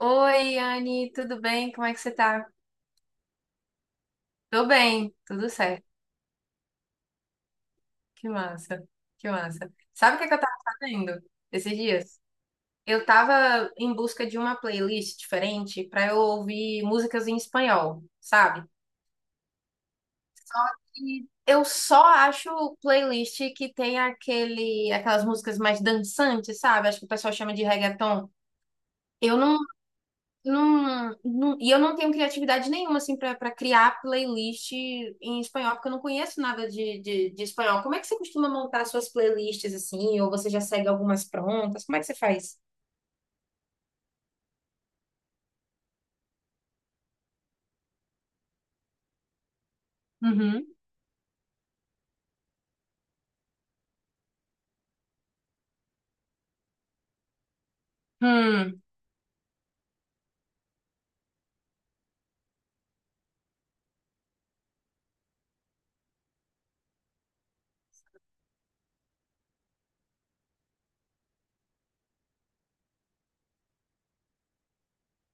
Oi, Anne, tudo bem? Como é que você tá? Tô bem, tudo certo. Que massa, que massa. Sabe o que é que eu tava fazendo esses dias? Eu tava em busca de uma playlist diferente pra eu ouvir músicas em espanhol, sabe? E eu só acho playlist que tem aquelas músicas mais dançantes, sabe? Acho que o pessoal chama de reggaeton. Eu não E eu não tenho criatividade nenhuma, assim, pra criar playlist em espanhol, porque eu não conheço nada de espanhol. Como é que você costuma montar suas playlists, assim? Ou você já segue algumas prontas? Como é que você faz? Uhum. Hum,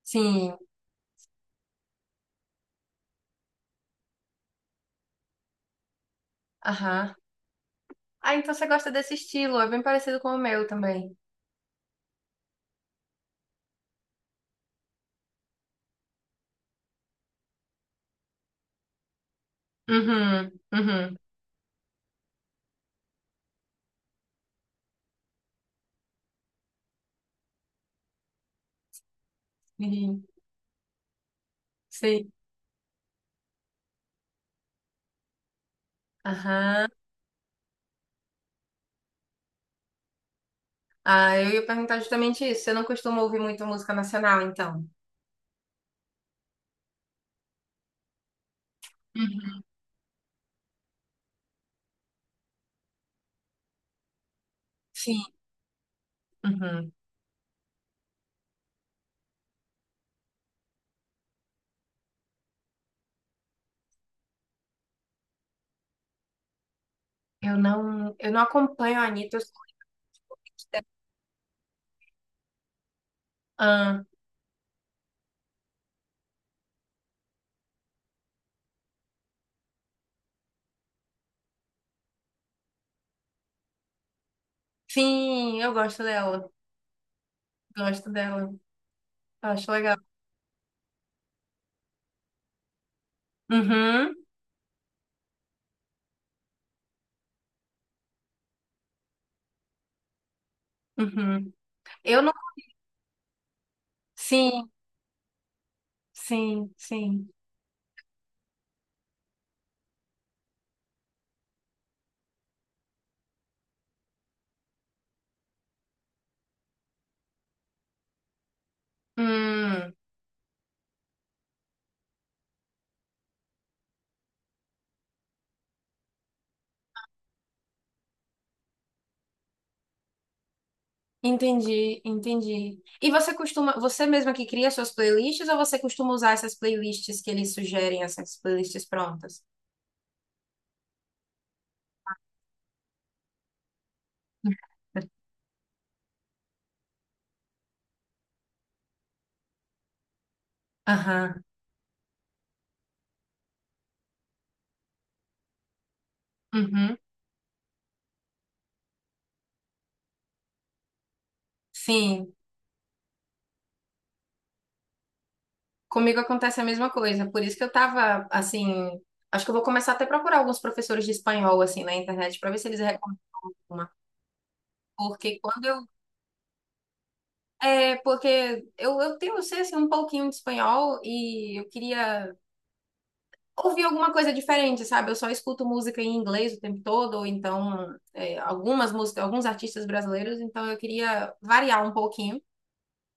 sim, aham. Ah, então você gosta desse estilo, é bem parecido com o meu também. Uhum. Uhum. Sim. Sei. Aham. Ah, eu ia perguntar justamente isso. Você não costuma ouvir muito música nacional, então? Uhum. Sim. Uhum. Eu não acompanho a Anitta. Eu sou muito fã. Sim, eu gosto dela. Gosto dela. Acho legal. Uhum, uhum. Eu não. Sim, sim, sim. Hum, entendi, entendi. E você costuma, você mesma que cria suas playlists ou você costuma usar essas playlists que eles sugerem, essas playlists prontas? Aham, uhum. Sim. Comigo acontece a mesma coisa, por isso que eu tava assim, acho que eu vou começar até a procurar alguns professores de espanhol assim na internet para ver se eles recomendam uma, porque quando eu é, porque eu tenho, eu sei assim, um pouquinho de espanhol e eu queria ouvir alguma coisa diferente, sabe? Eu só escuto música em inglês o tempo todo, ou então é, algumas músicas, alguns artistas brasileiros, então eu queria variar um pouquinho.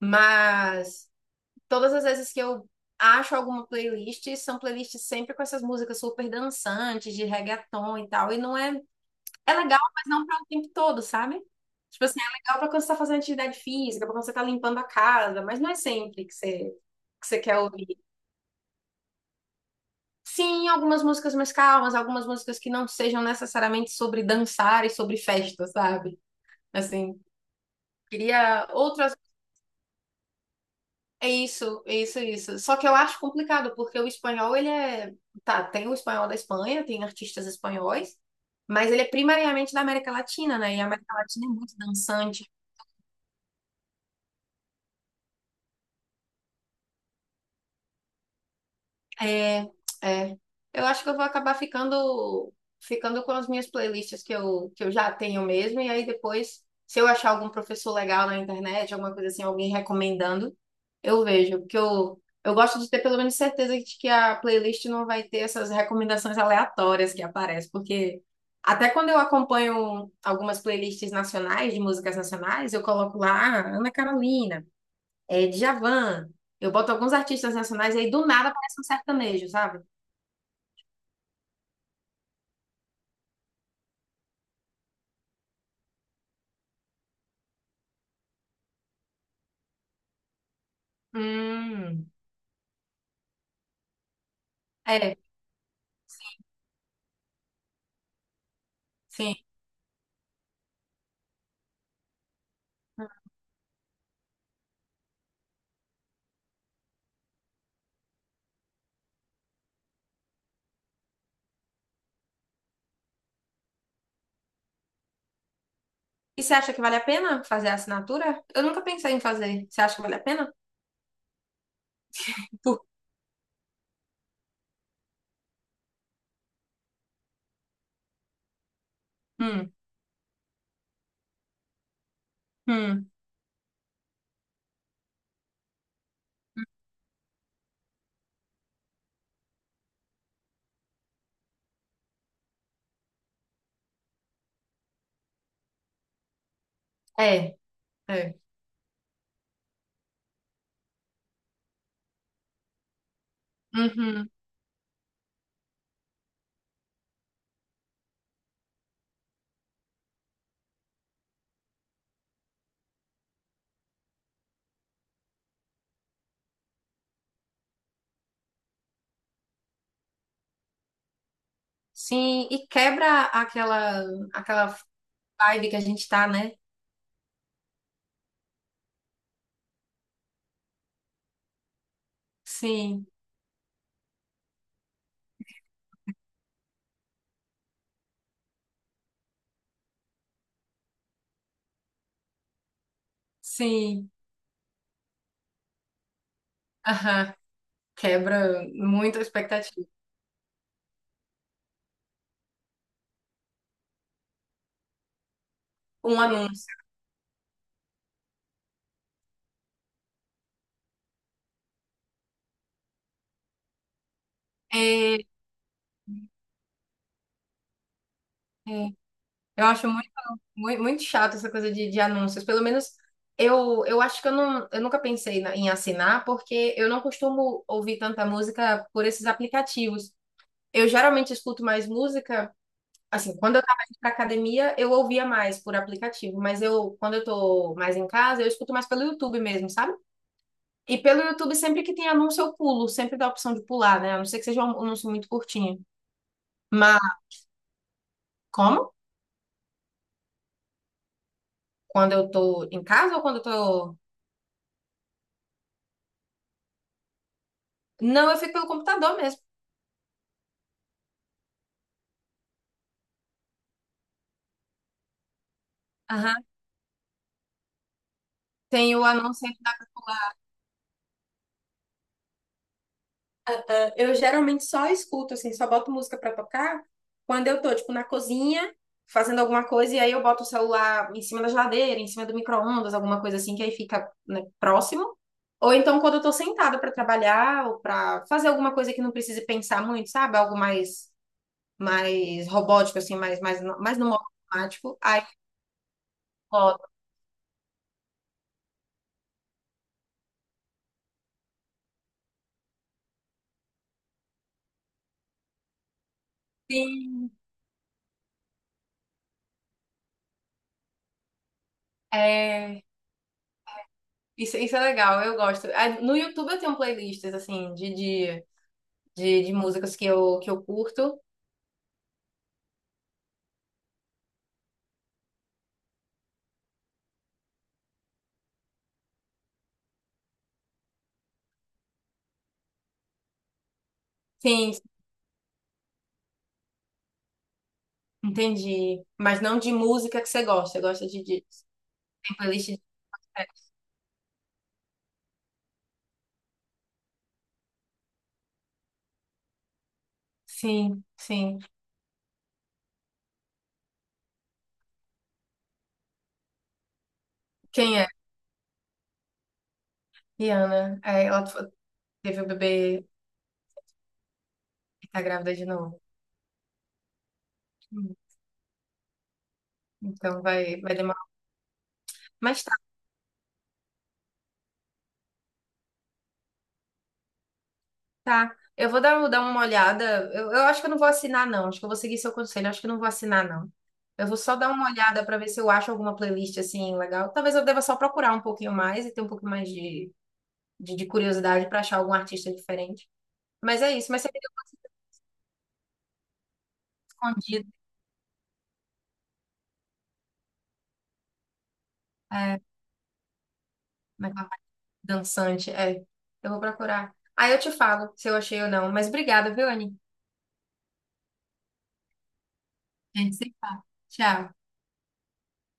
Mas todas as vezes que eu acho alguma playlist, são playlists sempre com essas músicas super dançantes, de reggaeton e tal. E não é. É legal, mas não para o tempo todo, sabe? Tipo assim, é legal para quando você tá fazendo atividade física, para quando você tá limpando a casa, mas não é sempre que você quer ouvir. Sim, algumas músicas mais calmas, algumas músicas que não sejam necessariamente sobre dançar e sobre festa, sabe? Assim, queria outras. É isso, é isso, é isso. Só que eu acho complicado, porque o espanhol, ele é... Tá, tem o espanhol da Espanha, tem artistas espanhóis, mas ele é primariamente da América Latina, né? E a América Latina é muito dançante. É, é. Eu acho que eu vou acabar ficando com as minhas playlists que eu já tenho mesmo, e aí depois, se eu achar algum professor legal na internet, alguma coisa assim, alguém recomendando, eu vejo, porque eu gosto de ter pelo menos certeza de que a playlist não vai ter essas recomendações aleatórias que aparecem, porque até quando eu acompanho algumas playlists nacionais, de músicas nacionais, eu coloco lá "Ah, Ana Carolina, é, Djavan". Eu boto alguns artistas nacionais e aí do nada aparece um sertanejo, sabe? Hum, É, sim. E você acha que vale a pena fazer a assinatura? Eu nunca pensei em fazer. Você acha que vale a pena? Por- hum, hum, é, é. Uhum, sim, e quebra aquela vibe que a gente tá, né? Sim, sim. Aham. Quebra muito a expectativa. Um anúncio. É, é. Eu acho muito. Muito, muito chato essa coisa de anúncios. Pelo menos eu acho que eu nunca pensei em assinar, porque eu não costumo ouvir tanta música por esses aplicativos. Eu geralmente escuto mais música. Assim, quando eu estava indo pra academia, eu ouvia mais por aplicativo, mas eu, quando eu tô mais em casa, eu escuto mais pelo YouTube mesmo, sabe? E pelo YouTube, sempre que tem anúncio, eu pulo, sempre dá a opção de pular, né? A não ser que seja um anúncio muito curtinho. Mas como? Quando eu tô em casa ou quando eu tô. Não, eu fico pelo computador mesmo. Tem o anúncio sempre da popular. Eu geralmente só escuto, assim, só boto música pra tocar quando eu tô, tipo, na cozinha, fazendo alguma coisa, e aí eu boto o celular em cima da geladeira, em cima do micro-ondas, alguma coisa assim, que aí fica, né, próximo. Ou então quando eu tô sentada pra trabalhar ou pra fazer alguma coisa que não precise pensar muito, sabe? Algo mais, mais robótico, assim, mais no modo automático. Aí eu boto. Sim, é... Isso é legal, eu gosto. Ah, no YouTube eu tenho playlists, assim, de de músicas que eu curto. Sim, entendi. Mas não de música que você gosta, gosta de tem playlist de... Sim, sim. Quem é? Rihanna. É, ela t- teve o bebê e tá grávida de novo. Hum, Então vai, vai demorar. Mas tá, tá. Eu vou dar uma olhada. Eu acho que eu não vou assinar, não. Acho que eu vou seguir seu conselho. Eu acho que eu não vou assinar, não. Eu vou só dar uma olhada pra ver se eu acho alguma playlist assim legal. Talvez eu deva só procurar um pouquinho mais e ter um pouco mais de curiosidade para achar algum artista diferente. Mas é isso, mas você me deu escondido. É, naquela parte dançante. É, eu vou procurar. Aí eu te falo se eu achei ou não. Mas obrigada, viu, Anny? A gente se fala. Tchau.